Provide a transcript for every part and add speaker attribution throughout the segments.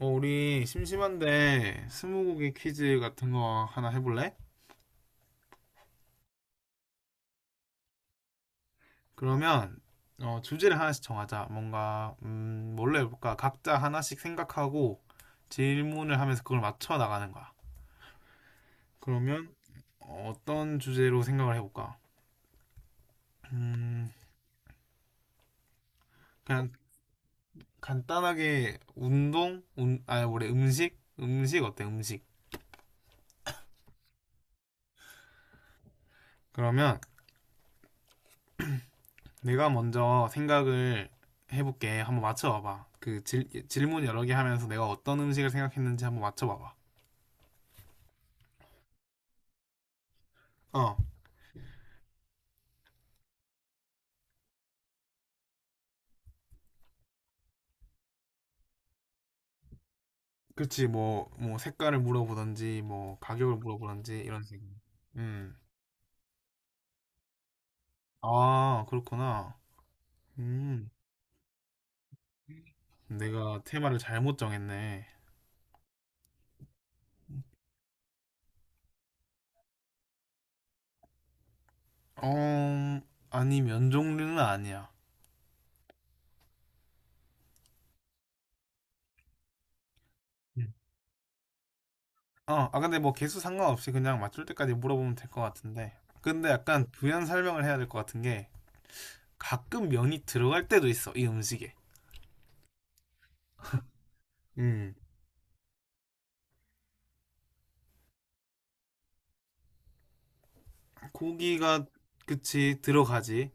Speaker 1: 우리 심심한데 스무고개 퀴즈 같은 거 하나 해볼래? 그러면 주제를 하나씩 정하자. 뭔가 뭘로 해볼까? 각자 하나씩 생각하고 질문을 하면서 그걸 맞춰 나가는 거야. 그러면 어떤 주제로 생각을 해볼까? 음, 그냥 간단하게 운동, 운, 아니 뭐래 음식, 음식 어때? 음식. 그러면 내가 먼저 생각을 해볼게. 한번 맞춰봐봐. 질문 여러 개 하면서 내가 어떤 음식을 생각했는지 한번 맞춰봐봐. 어, 그렇지. 뭐 색깔을 물어보던지, 뭐 가격을 물어보던지 이런 식으로. 음, 아, 그렇구나. 음, 내가 테마를 잘못 정했네. 어, 아니 면 종류는 아니야. 음. 어, 근데 뭐 개수 상관없이 그냥 맞출 때까지 물어보면 될 것 같은데. 근데 약간 부연 설명을 해야 될 것 같은 게. 가끔 면이 들어갈 때도 있어 이 음식에. 음 고기가 그치 들어가지.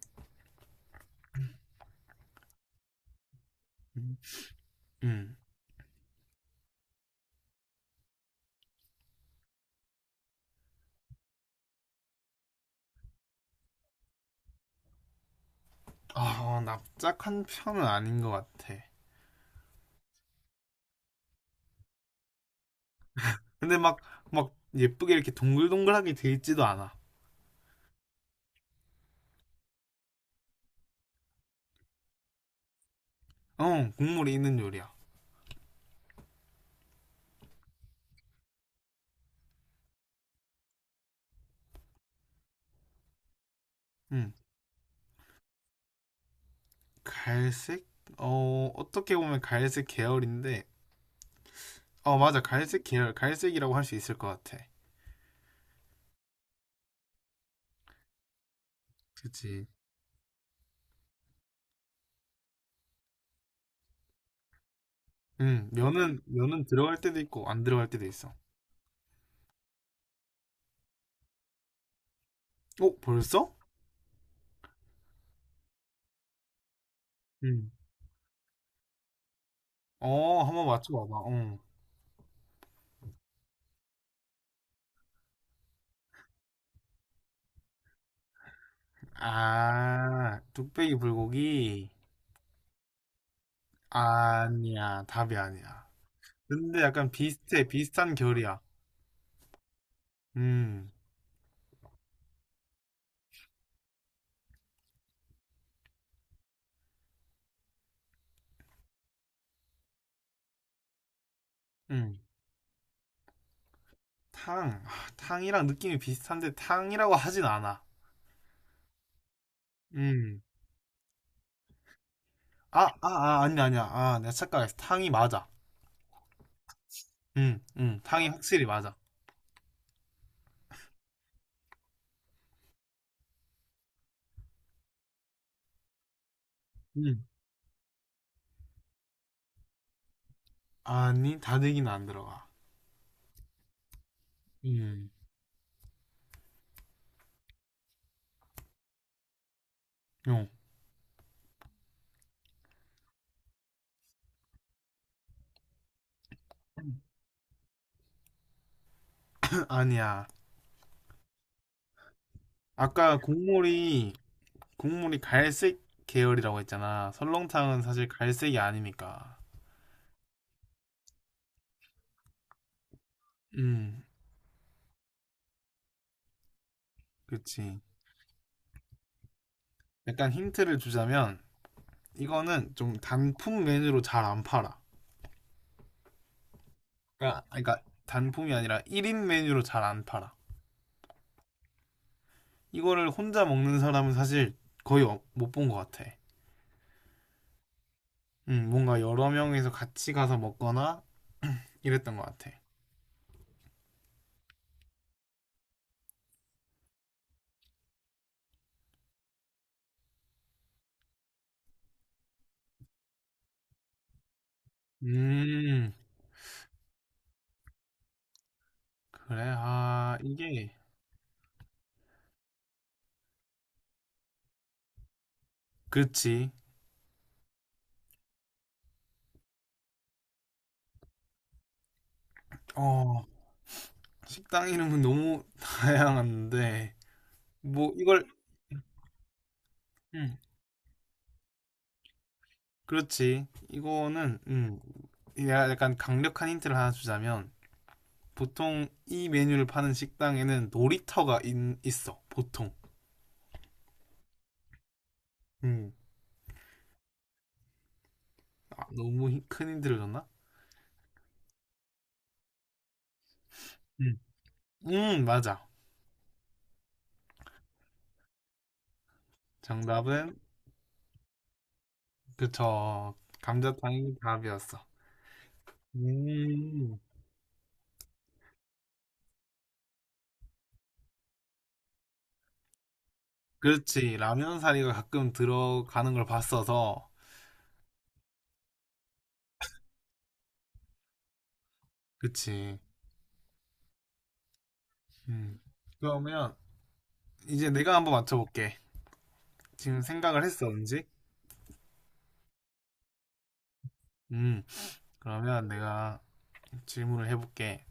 Speaker 1: 음아 납작한 편은 아닌 것 같아. 근데 막 예쁘게 이렇게 동글동글하게 돼 있지도 않아. 어 국물이 있는 요리야. 음 갈색 어 어떻게 보면 갈색 계열인데 어 맞아 갈색 계열 갈색이라고 할 수 있을 것 같아. 그치. 면은 들어갈 때도 있고 안 들어갈 때도 있어. 어 벌써? 음. 어, 한번 맞춰봐봐. 어. 아, 뚝배기 불고기? 아니야, 답이 아니야. 근데 약간 비슷해, 비슷한 결이야. 음, 음. 탕. 아, 탕이랑 느낌이 비슷한데 탕이라고 하진 않아. 음. 아니야, 아니야. 아, 내가 착각했어. 탕이 맞아. 탕이 확실히 맞아. 음. 아니, 다대기는 안 들어가. 음. 어. 아니야. 아까 국물이 갈색 계열이라고 했잖아. 설렁탕은 사실 갈색이 아니니까. 음, 그치. 약간 힌트를 주자면 이거는 좀 단품 메뉴로 잘 안 팔아. 그러니까, 단품이 아니라 1인 메뉴로 잘 안 팔아. 이거를 혼자 먹는 사람은 사실 거의 못 본 것 같아. 뭔가 여러 명이서 같이 가서 먹거나 이랬던 것 같아. 음, 그래. 아, 이게 그렇지. 어, 식당 이름은 너무 다양한데 뭐 이걸 음, 그렇지. 이거는 내가 약간 강력한 힌트를 하나 주자면 보통 이 메뉴를 파는 식당에는 있어. 보통. 음. 아, 너무 큰 힌트를 줬나? 음. 맞아. 정답은 그쵸. 감자탕이 답이었어. 음. 그렇지. 라면 사리가 가끔 들어가는 걸 봤어서. 그치. 음. 그러면 이제 내가 한번 맞춰볼게. 지금 생각을 했어, 왠지? 음. 그러면 내가 질문을 해볼게.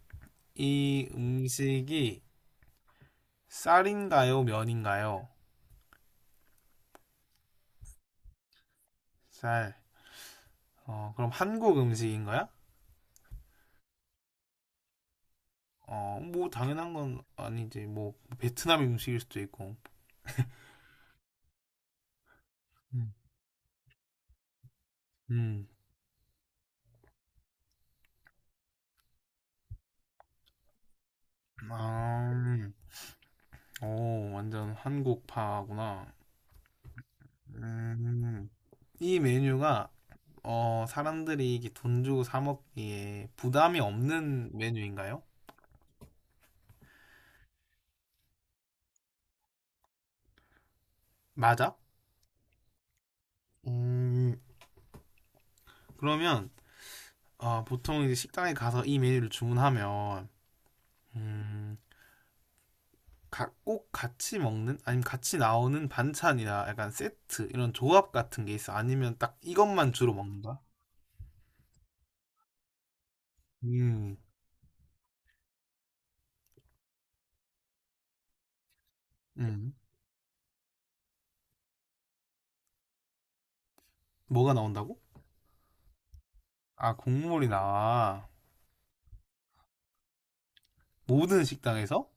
Speaker 1: 이 음식이 쌀인가요, 면인가요? 쌀. 어, 그럼 한국 음식인 거야? 어, 뭐 당연한 건 아니지. 뭐 베트남 음식일 수도 있고. 음. 음. 아, 오, 완전 한국파구나. 음. 이 메뉴가 어, 사람들이 이게 돈 주고 사 먹기에 부담이 없는 메뉴인가요? 맞아? 음. 그러면 어, 보통 이제 식당에 가서 이 메뉴를 주문하면 음, 꼭 같이 먹는 아니면 같이 나오는 반찬이나 약간 세트 이런 조합 같은 게 있어? 아니면 딱 이것만 주로 먹는다? 음, 음. 뭐가 나온다고? 아, 국물이 나와. 모든 식당에서?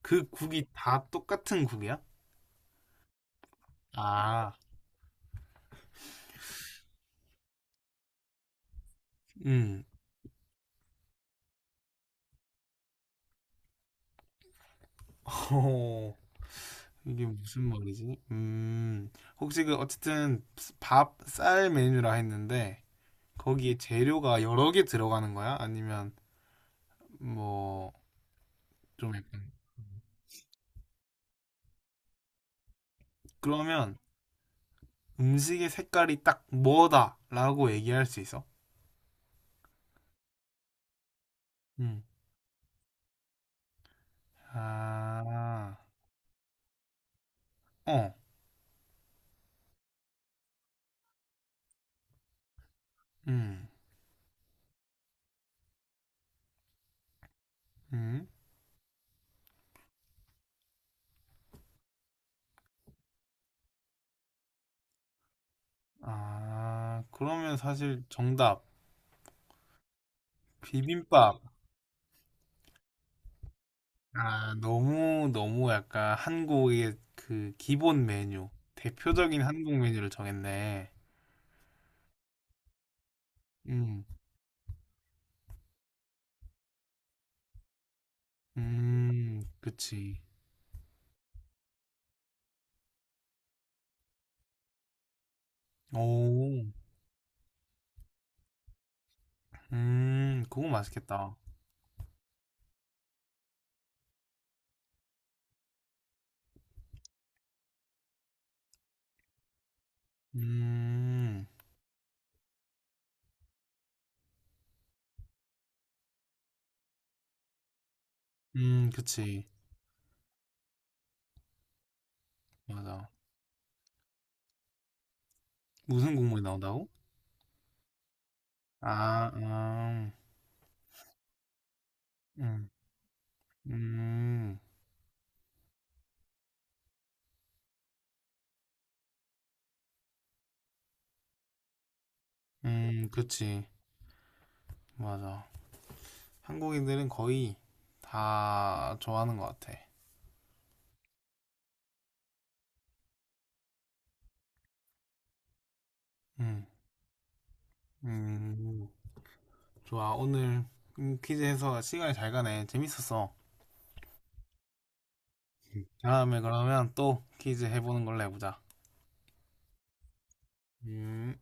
Speaker 1: 그 국이 다 똑같은 국이야? 아, 음. 어, 이게 무슨 말이지? 음. 혹시 그 어쨌든 밥, 쌀 메뉴라 했는데 거기에 재료가 여러 개 들어가는 거야? 아니면 뭐 좀 약간 그러면 음식의 색깔이 딱 뭐다라고 얘기할 수 있어? 음. 아, 어, 음, 음. 아, 그러면 사실 정답 비빔밥. 아, 너무 너무 약간 한국의 그 기본 메뉴, 대표적인 한국 메뉴를 정했네. 음, 그치. 오, 그거 맛있겠다. 음, 그치. 맞아. 무슨 국물이 나온다고? 아, 아, 음, 음, 그치. 맞아. 한국인들은 거의 다 좋아하는 것 같아. 음, 음, 좋아. 오늘 퀴즈 해서 시간이 잘 가네. 재밌었어. 다음에 그러면 또 퀴즈 해보는 걸로 해보자. 음.